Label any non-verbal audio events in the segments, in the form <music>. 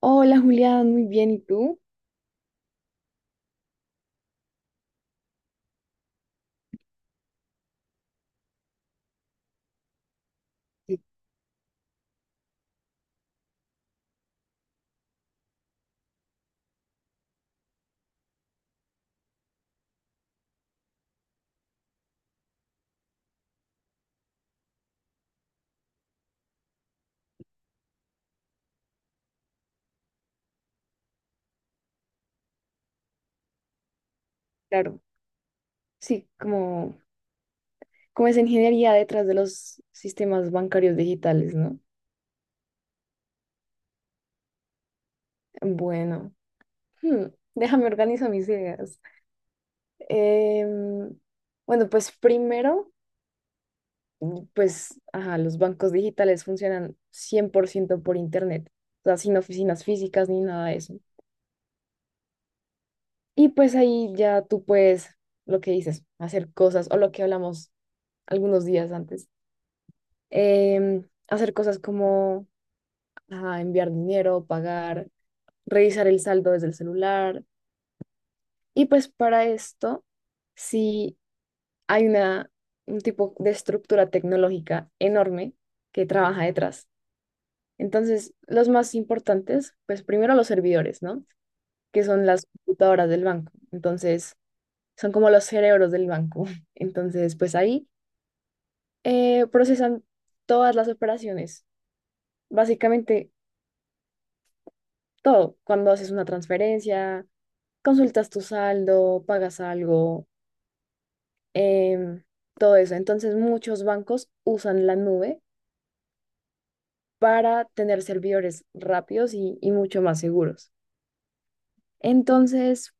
Hola Julián, muy bien, ¿y tú? Sí, claro, sí, como es ingeniería detrás de los sistemas bancarios digitales, ¿no? Bueno, hmm, déjame organizar mis ideas. Em, bueno, pues primero, pues, ajá, los bancos digitales funcionan 100% por ciento por internet, o sea, sin oficinas físicas ni nada de eso. Y pues ahí ya tú puedes, lo que dices, hacer cosas, o lo que hablamos algunos días antes, hacer cosas como a enviar dinero, pagar, revisar el saldo desde el celular. Y pues para esto, sí hay un tipo de estructura tecnológica enorme que trabaja detrás. Entonces, los más importantes, pues primero los servidores, ¿no? Que son las computadoras del banco. Entonces, son como los cerebros del banco. <laughs> Entonces, pues ahí procesan todas las operaciones, básicamente todo, cuando haces una transferencia consultas tu saldo, pagas algo, em, todo eso. Entonces, muchos bancos usan la nube para tener servidores rápidos y mucho más seguros. Entonces,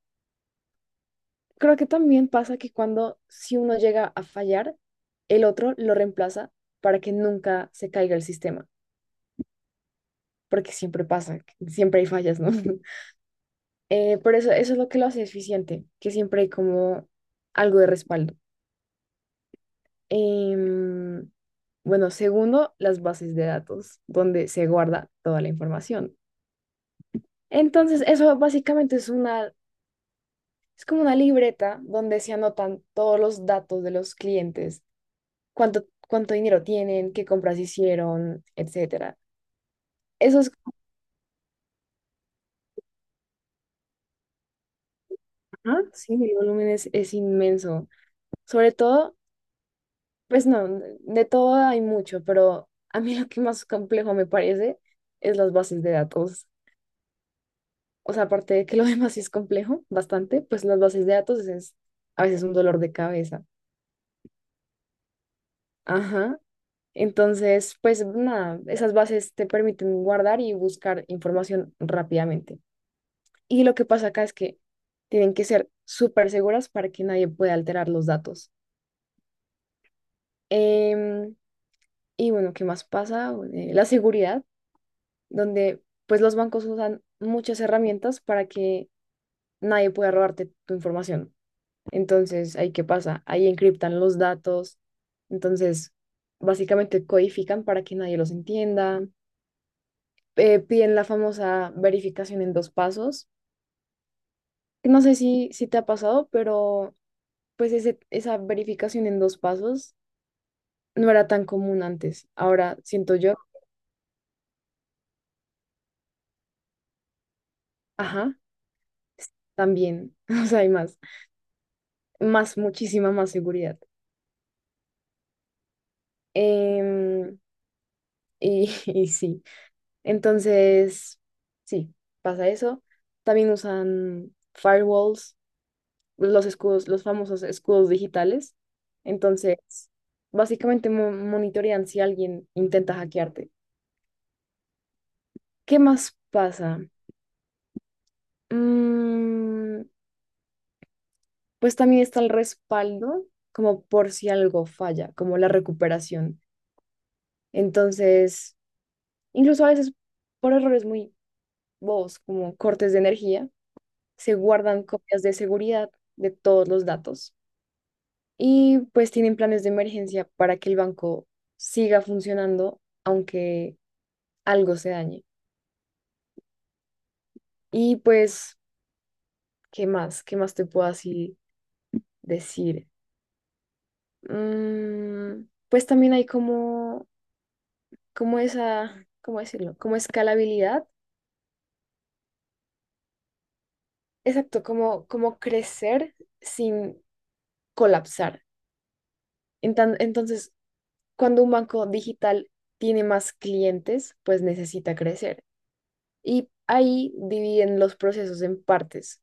creo que también pasa que cuando si uno llega a fallar, el otro lo reemplaza para que nunca se caiga el sistema, porque siempre pasa, siempre hay fallas, ¿no? <laughs> Por eso, eso es lo que lo hace eficiente, que siempre hay como algo de respaldo. Em, bueno, segundo, las bases de datos, donde se guarda toda la información. Entonces, eso básicamente es una, es como una libreta donde se anotan todos los datos de los clientes, cuánto dinero tienen, qué compras hicieron, etcétera. Eso es, ajá, sí, el volumen es inmenso. Sobre todo, pues no, de todo hay mucho, pero a mí lo que más complejo me parece es las bases de datos. O sea, aparte de que lo <laughs> demás sí es complejo, bastante, pues las bases de datos es a veces un dolor de cabeza. Ajá. Entonces, pues nada, esas bases te permiten guardar y buscar información rápidamente. Y lo que pasa acá es que tienen que ser súper seguras para que nadie pueda alterar los datos. Em, y bueno, ¿qué más pasa? Bueno, la seguridad, donde pues los bancos usan muchas herramientas para que nadie pueda robarte tu información. Entonces, ¿ahí qué pasa? Ahí encriptan los datos. Entonces, básicamente codifican para que nadie los entienda. Piden la famosa verificación en dos pasos. No sé si te ha pasado, pero pues esa verificación en dos pasos no era tan común antes. Ahora siento yo, ajá, también. <laughs> O sea, hay muchísima más seguridad. Em, y, <laughs> y sí. Entonces, sí, pasa eso. También usan firewalls, los escudos, los famosos escudos digitales. Entonces, básicamente monitorean si alguien intenta hackearte. ¿Qué más pasa? Mm, pues también está el respaldo, como por si algo falla, como la recuperación. Entonces, incluso a veces por errores muy bobos, como cortes de energía, se guardan copias de seguridad de todos los datos y pues tienen planes de emergencia para que el banco siga funcionando aunque algo se dañe. Y pues, ¿qué más? ¿Qué más te puedo así decir? Mm, pues también hay como, como esa, ¿cómo decirlo? Como escalabilidad. Exacto, como, como crecer sin colapsar. Entonces, cuando un banco digital tiene más clientes, pues necesita crecer. Y ahí dividen los procesos en partes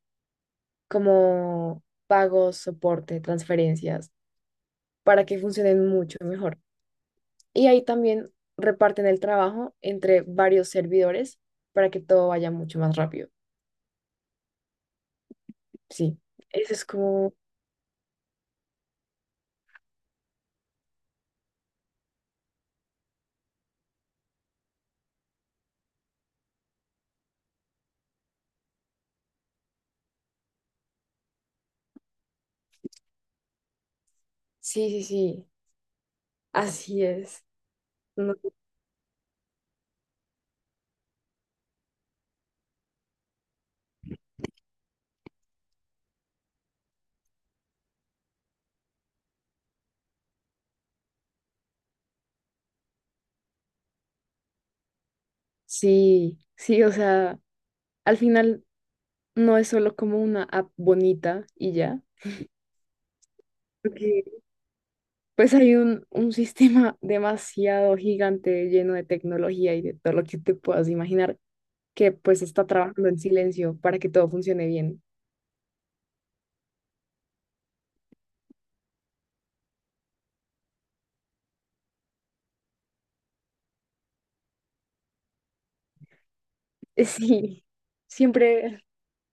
como pagos, soporte, transferencias, para que funcionen mucho mejor. Y ahí también reparten el trabajo entre varios servidores para que todo vaya mucho más rápido. Sí, eso es como, sí, sí, sí, así es. No- sí, sí, o sea, al final no es solo como una app bonita y ya. Porque pues hay un <laughs> sistema demasiado gigante lleno de tecnología y de todo lo que te puedas imaginar que pues está trabajando en silencio para que todo funcione bien. <laughs> Sí, siempre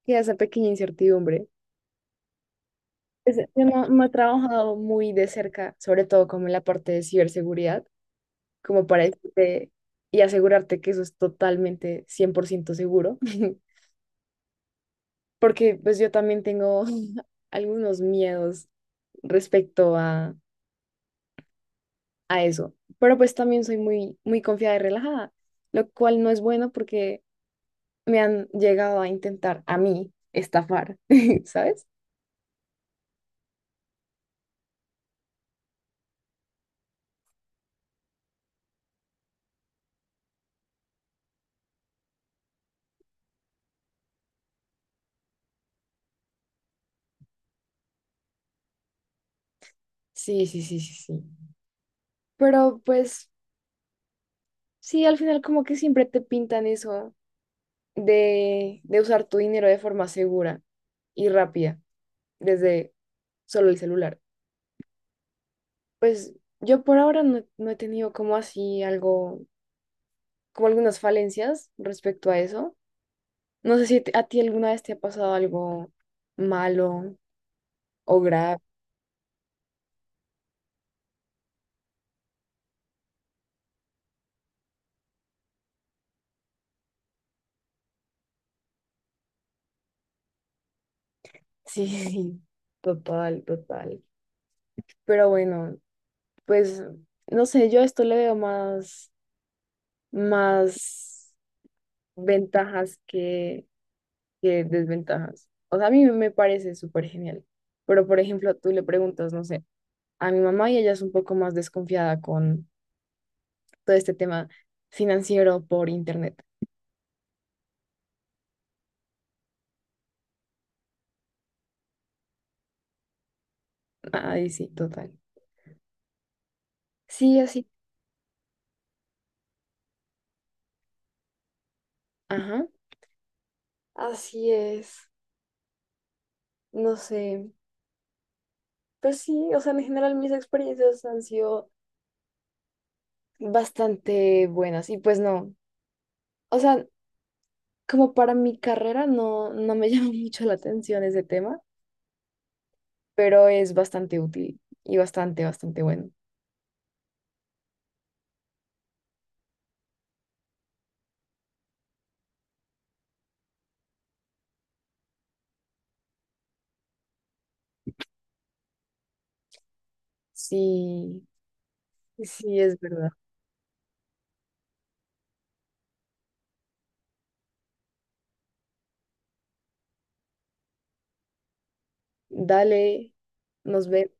queda esa pequeña incertidumbre. Yo no he trabajado muy de cerca, sobre todo como en la parte de ciberseguridad, como para decirte y asegurarte que eso es totalmente 100% seguro, <laughs> porque pues yo también tengo <laughs> algunos miedos respecto a eso, pero pues también soy muy, muy confiada y relajada, lo cual no es bueno porque me han llegado a intentar a mí estafar, <laughs> ¿sabes? Sí, sí, sí, sí, sí. Pero pues sí, al final como que siempre te pintan eso de usar tu dinero de forma segura y rápida desde solo el celular. Pues yo por ahora no he tenido como así algo, como algunas falencias respecto a eso. No sé si a ti alguna vez te ha pasado algo malo o grave. Sí, <laughs> sí, total, total. Pero bueno, pues no sé, yo a esto le veo más ventajas que desventajas. O sea, a mí me parece súper genial. Pero, por ejemplo, tú le preguntas, no sé, a mi mamá y ella es un poco más desconfiada con todo este tema financiero por internet. Ay, sí, total. Sí, así, Ajá. Así es. No sé. Pues sí, o sea, en general mis experiencias han sido bastante buenas. Y pues no. O sea, como para mi carrera no, me <laughs> llama mucho la atención ese tema, pero es bastante útil y bastante, bastante bueno. Sí, sí es verdad. Dale, nos vemos.